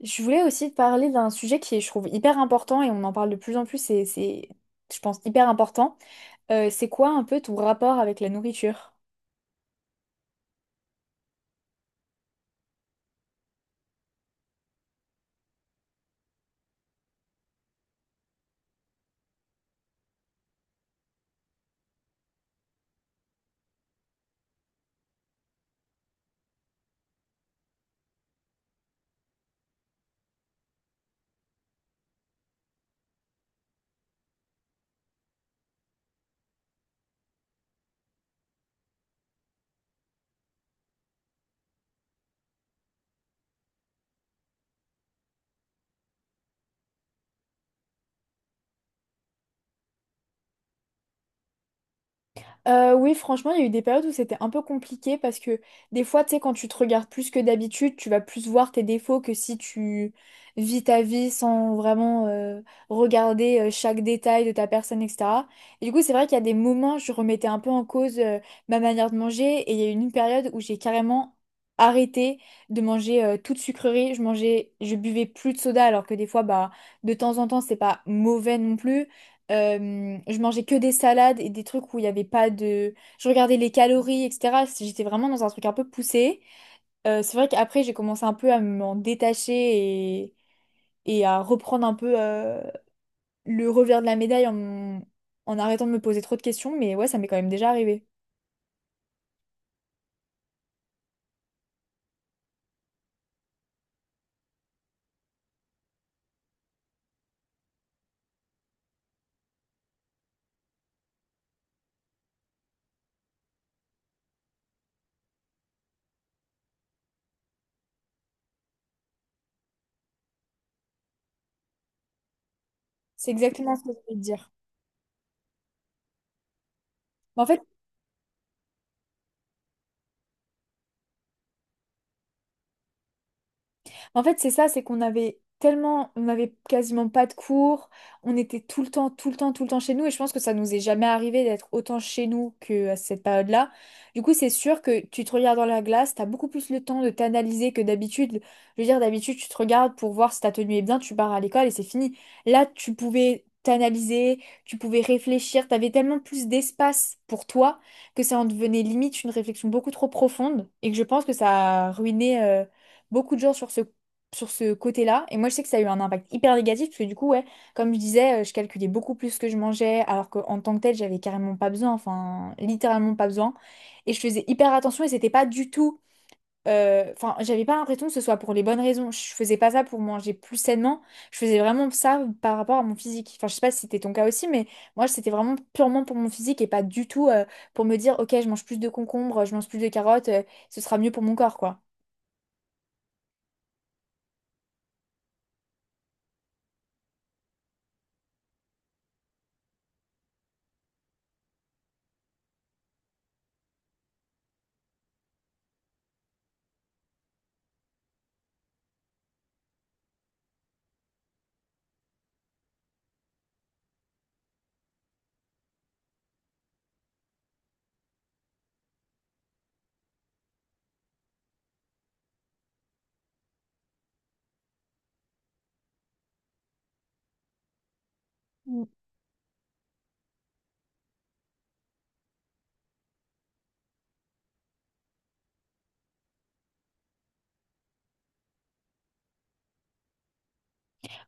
Je voulais aussi te parler d'un sujet qui est, je trouve, hyper important et on en parle de plus en plus, et c'est, je pense, hyper important. C'est quoi un peu ton rapport avec la nourriture? Oui, franchement, il y a eu des périodes où c'était un peu compliqué parce que des fois, tu sais, quand tu te regardes plus que d'habitude, tu vas plus voir tes défauts que si tu vis ta vie sans vraiment regarder chaque détail de ta personne, etc. Et du coup, c'est vrai qu'il y a des moments, je remettais un peu en cause ma manière de manger et il y a eu une période où j'ai carrément arrêté de manger toute sucrerie. Je mangeais, je buvais plus de soda alors que des fois, bah, de temps en temps, c'est pas mauvais non plus. Je mangeais que des salades et des trucs où il n'y avait pas de Je regardais les calories, etc. J'étais vraiment dans un truc un peu poussé. C'est vrai qu'après, j'ai commencé un peu à m'en détacher et à reprendre un peu le revers de la médaille en en arrêtant de me poser trop de questions. Mais ouais, ça m'est quand même déjà arrivé. C'est exactement ce que je voulais te dire. Mais en fait, en fait, c'est ça, c'est qu'on avait tellement, on n'avait quasiment pas de cours, on était tout le temps, tout le temps, tout le temps chez nous, et je pense que ça nous est jamais arrivé d'être autant chez nous que à cette période-là. Du coup, c'est sûr que tu te regardes dans la glace, t'as beaucoup plus le temps de t'analyser que d'habitude. Je veux dire, d'habitude, tu te regardes pour voir si ta tenue est bien, tu pars à l'école et c'est fini. Là, tu pouvais t'analyser, tu pouvais réfléchir, t'avais tellement plus d'espace pour toi que ça en devenait limite une réflexion beaucoup trop profonde, et que je pense que ça a ruiné beaucoup de gens sur ce côté-là. Et moi, je sais que ça a eu un impact hyper négatif, parce que du coup, ouais, comme je disais, je calculais beaucoup plus ce que je mangeais, alors qu'en tant que tel, j'avais carrément pas besoin, enfin, littéralement pas besoin. Et je faisais hyper attention, et c'était pas du tout. Enfin, j'avais pas l'impression que ce soit pour les bonnes raisons. Je faisais pas ça pour manger plus sainement. Je faisais vraiment ça par rapport à mon physique. Enfin, je sais pas si c'était ton cas aussi, mais moi, c'était vraiment purement pour mon physique et pas du tout pour me dire, ok, je mange plus de concombres, je mange plus de carottes, ce sera mieux pour mon corps, quoi.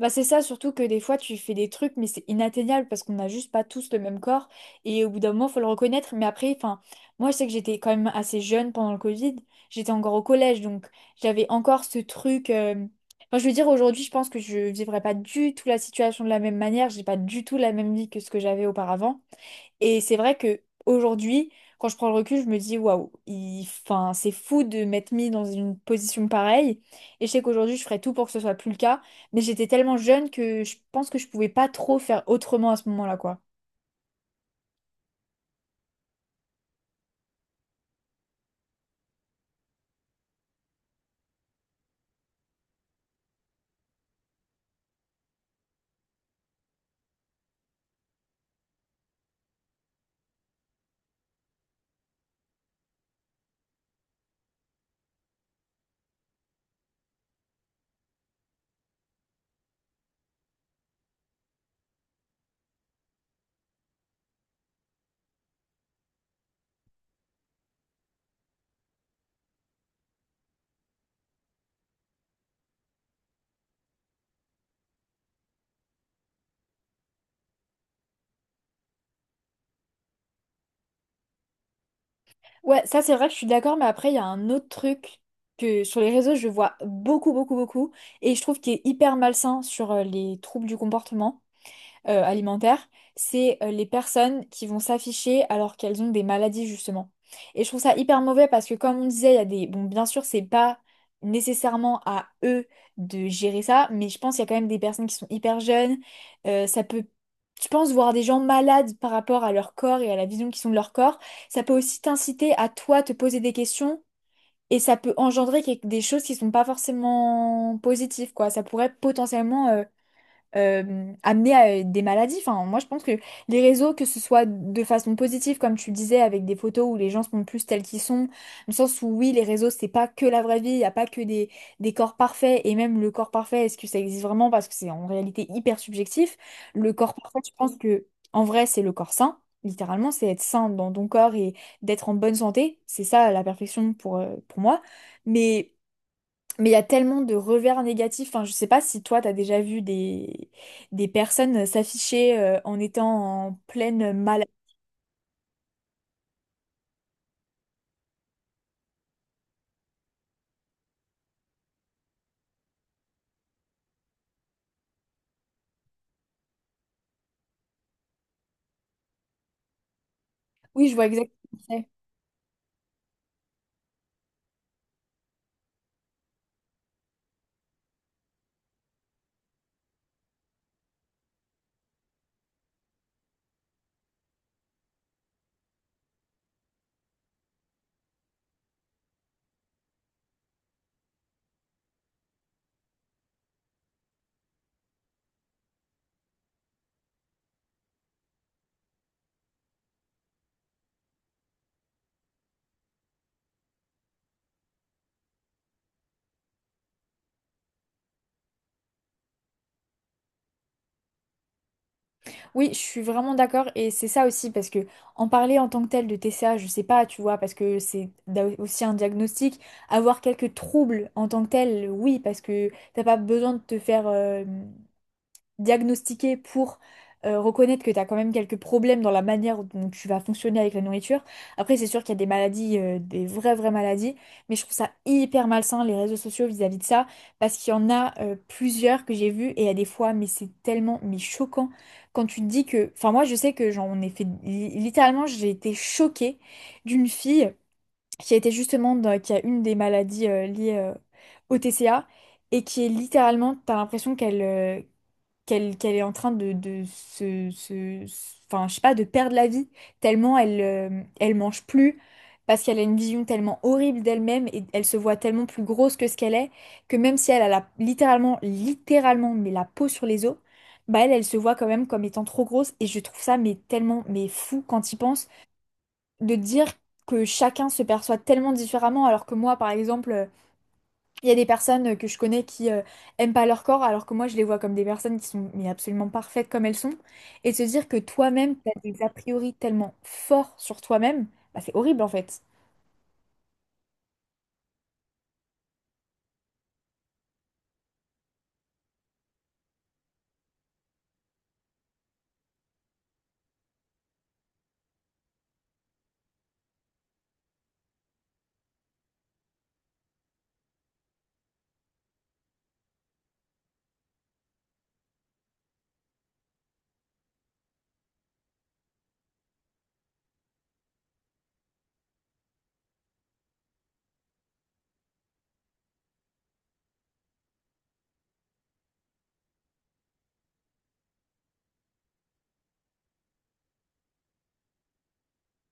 Bah c'est ça, surtout que des fois tu fais des trucs, mais c'est inatteignable parce qu'on n'a juste pas tous le même corps. Et au bout d'un moment, faut le reconnaître. Mais après, enfin, moi je sais que j'étais quand même assez jeune pendant le Covid. J'étais encore au collège, donc j'avais encore ce truc. Enfin, je veux dire, aujourd'hui, je pense que je vivrais pas du tout la situation de la même manière. J'ai pas du tout la même vie que ce que j'avais auparavant. Et c'est vrai que aujourd'hui, quand je prends le recul, je me dis waouh, enfin, c'est fou de m'être mis dans une position pareille. Et je sais qu'aujourd'hui, je ferais tout pour que ce soit plus le cas. Mais j'étais tellement jeune que je pense que je pouvais pas trop faire autrement à ce moment-là, quoi. Ouais, ça c'est vrai que je suis d'accord, mais après, il y a un autre truc que sur les réseaux, je vois beaucoup, beaucoup, beaucoup. Et je trouve qu'il est hyper malsain sur les troubles du comportement. Alimentaire, c'est les personnes qui vont s'afficher alors qu'elles ont des maladies justement. Et je trouve ça hyper mauvais parce que comme on disait, il y a Bon, bien sûr, c'est pas nécessairement à eux de gérer ça, mais je pense qu'il y a quand même des personnes qui sont hyper jeunes. Ça peut Je pense voir des gens malades par rapport à leur corps et à la vision qu'ils ont de leur corps. Ça peut aussi t'inciter à toi te poser des questions. Et ça peut engendrer des choses qui sont pas forcément positives, quoi. Ça pourrait potentiellement amener à des maladies. Enfin, moi, je pense que les réseaux, que ce soit de façon positive, comme tu disais, avec des photos où les gens se montrent plus tels qu'ils sont, dans le sens où oui, les réseaux, c'est pas que la vraie vie, il n'y a pas que des corps parfaits, et même le corps parfait, est-ce que ça existe vraiment? Parce que c'est en réalité hyper subjectif. Le corps parfait, je pense que en vrai, c'est le corps sain. Littéralement, c'est être sain dans ton corps et d'être en bonne santé. C'est ça la perfection pour moi. Mais mais il y a tellement de revers négatifs. Enfin, je sais pas si toi, t'as déjà vu des personnes s'afficher en étant en pleine maladie. Oui, je vois exactement ce que c'est. Oui, je suis vraiment d'accord. Et c'est ça aussi, parce que en parler en tant que tel de TCA, je sais pas, tu vois, parce que c'est aussi un diagnostic. Avoir quelques troubles en tant que tel, oui, parce que t'as pas besoin de te faire diagnostiquer pour reconnaître que tu as quand même quelques problèmes dans la manière dont tu vas fonctionner avec la nourriture. Après, c'est sûr qu'il y a des maladies, des vraies, vraies maladies, mais je trouve ça hyper malsain, les réseaux sociaux vis-à-vis de ça, parce qu'il y en a plusieurs que j'ai vues et à des fois, mais c'est tellement, mais choquant, quand tu te dis Enfin, moi, je sais que j'en ai Littéralement, j'ai été choquée d'une fille qui a été qui a une des maladies liées au TCA, et qui est T'as l'impression qu'elle qu'elle est en train de se, enfin, je sais pas, de perdre la vie, tellement elle, elle mange plus, parce qu'elle a une vision tellement horrible d'elle-même et elle se voit tellement plus grosse que ce qu'elle est, que même si elle a littéralement, littéralement, mais la peau sur les os, bah elle, elle se voit quand même comme étant trop grosse et je trouve ça mais tellement, mais fou quand il pense de dire que chacun se perçoit tellement différemment alors que moi, par exemple, il y a des personnes que je connais qui aiment pas leur corps, alors que moi je les vois comme des personnes qui sont mais absolument parfaites comme elles sont. Et de se dire que toi-même, tu as des a priori tellement forts sur toi-même, bah, c'est horrible en fait.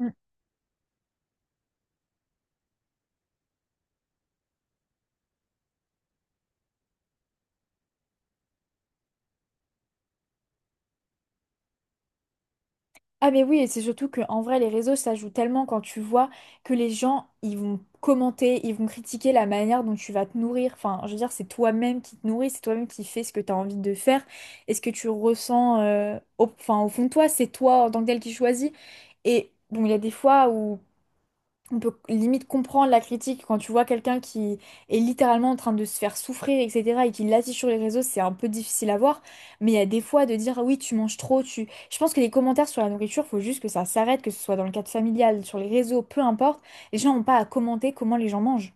Mm. Ah mais oui, et c'est surtout que en vrai, les réseaux, ça joue tellement quand tu vois que les gens, ils vont commenter, ils vont critiquer la manière dont tu vas te nourrir. Enfin, je veux dire, c'est toi-même qui te nourris, c'est toi-même qui fais ce que tu as envie de faire. Et ce que tu ressens au, enfin, au fond de toi, c'est toi en tant que tel qui choisis. Et bon, il y a des fois où on peut limite comprendre la critique quand tu vois quelqu'un qui est littéralement en train de se faire souffrir, etc., et qui l'affiche sur les réseaux, c'est un peu difficile à voir. Mais il y a des fois de dire, Ah oui, tu manges trop, tu Je pense que les commentaires sur la nourriture, faut juste que ça s'arrête, que ce soit dans le cadre familial, sur les réseaux, peu importe. Les gens n'ont pas à commenter comment les gens mangent.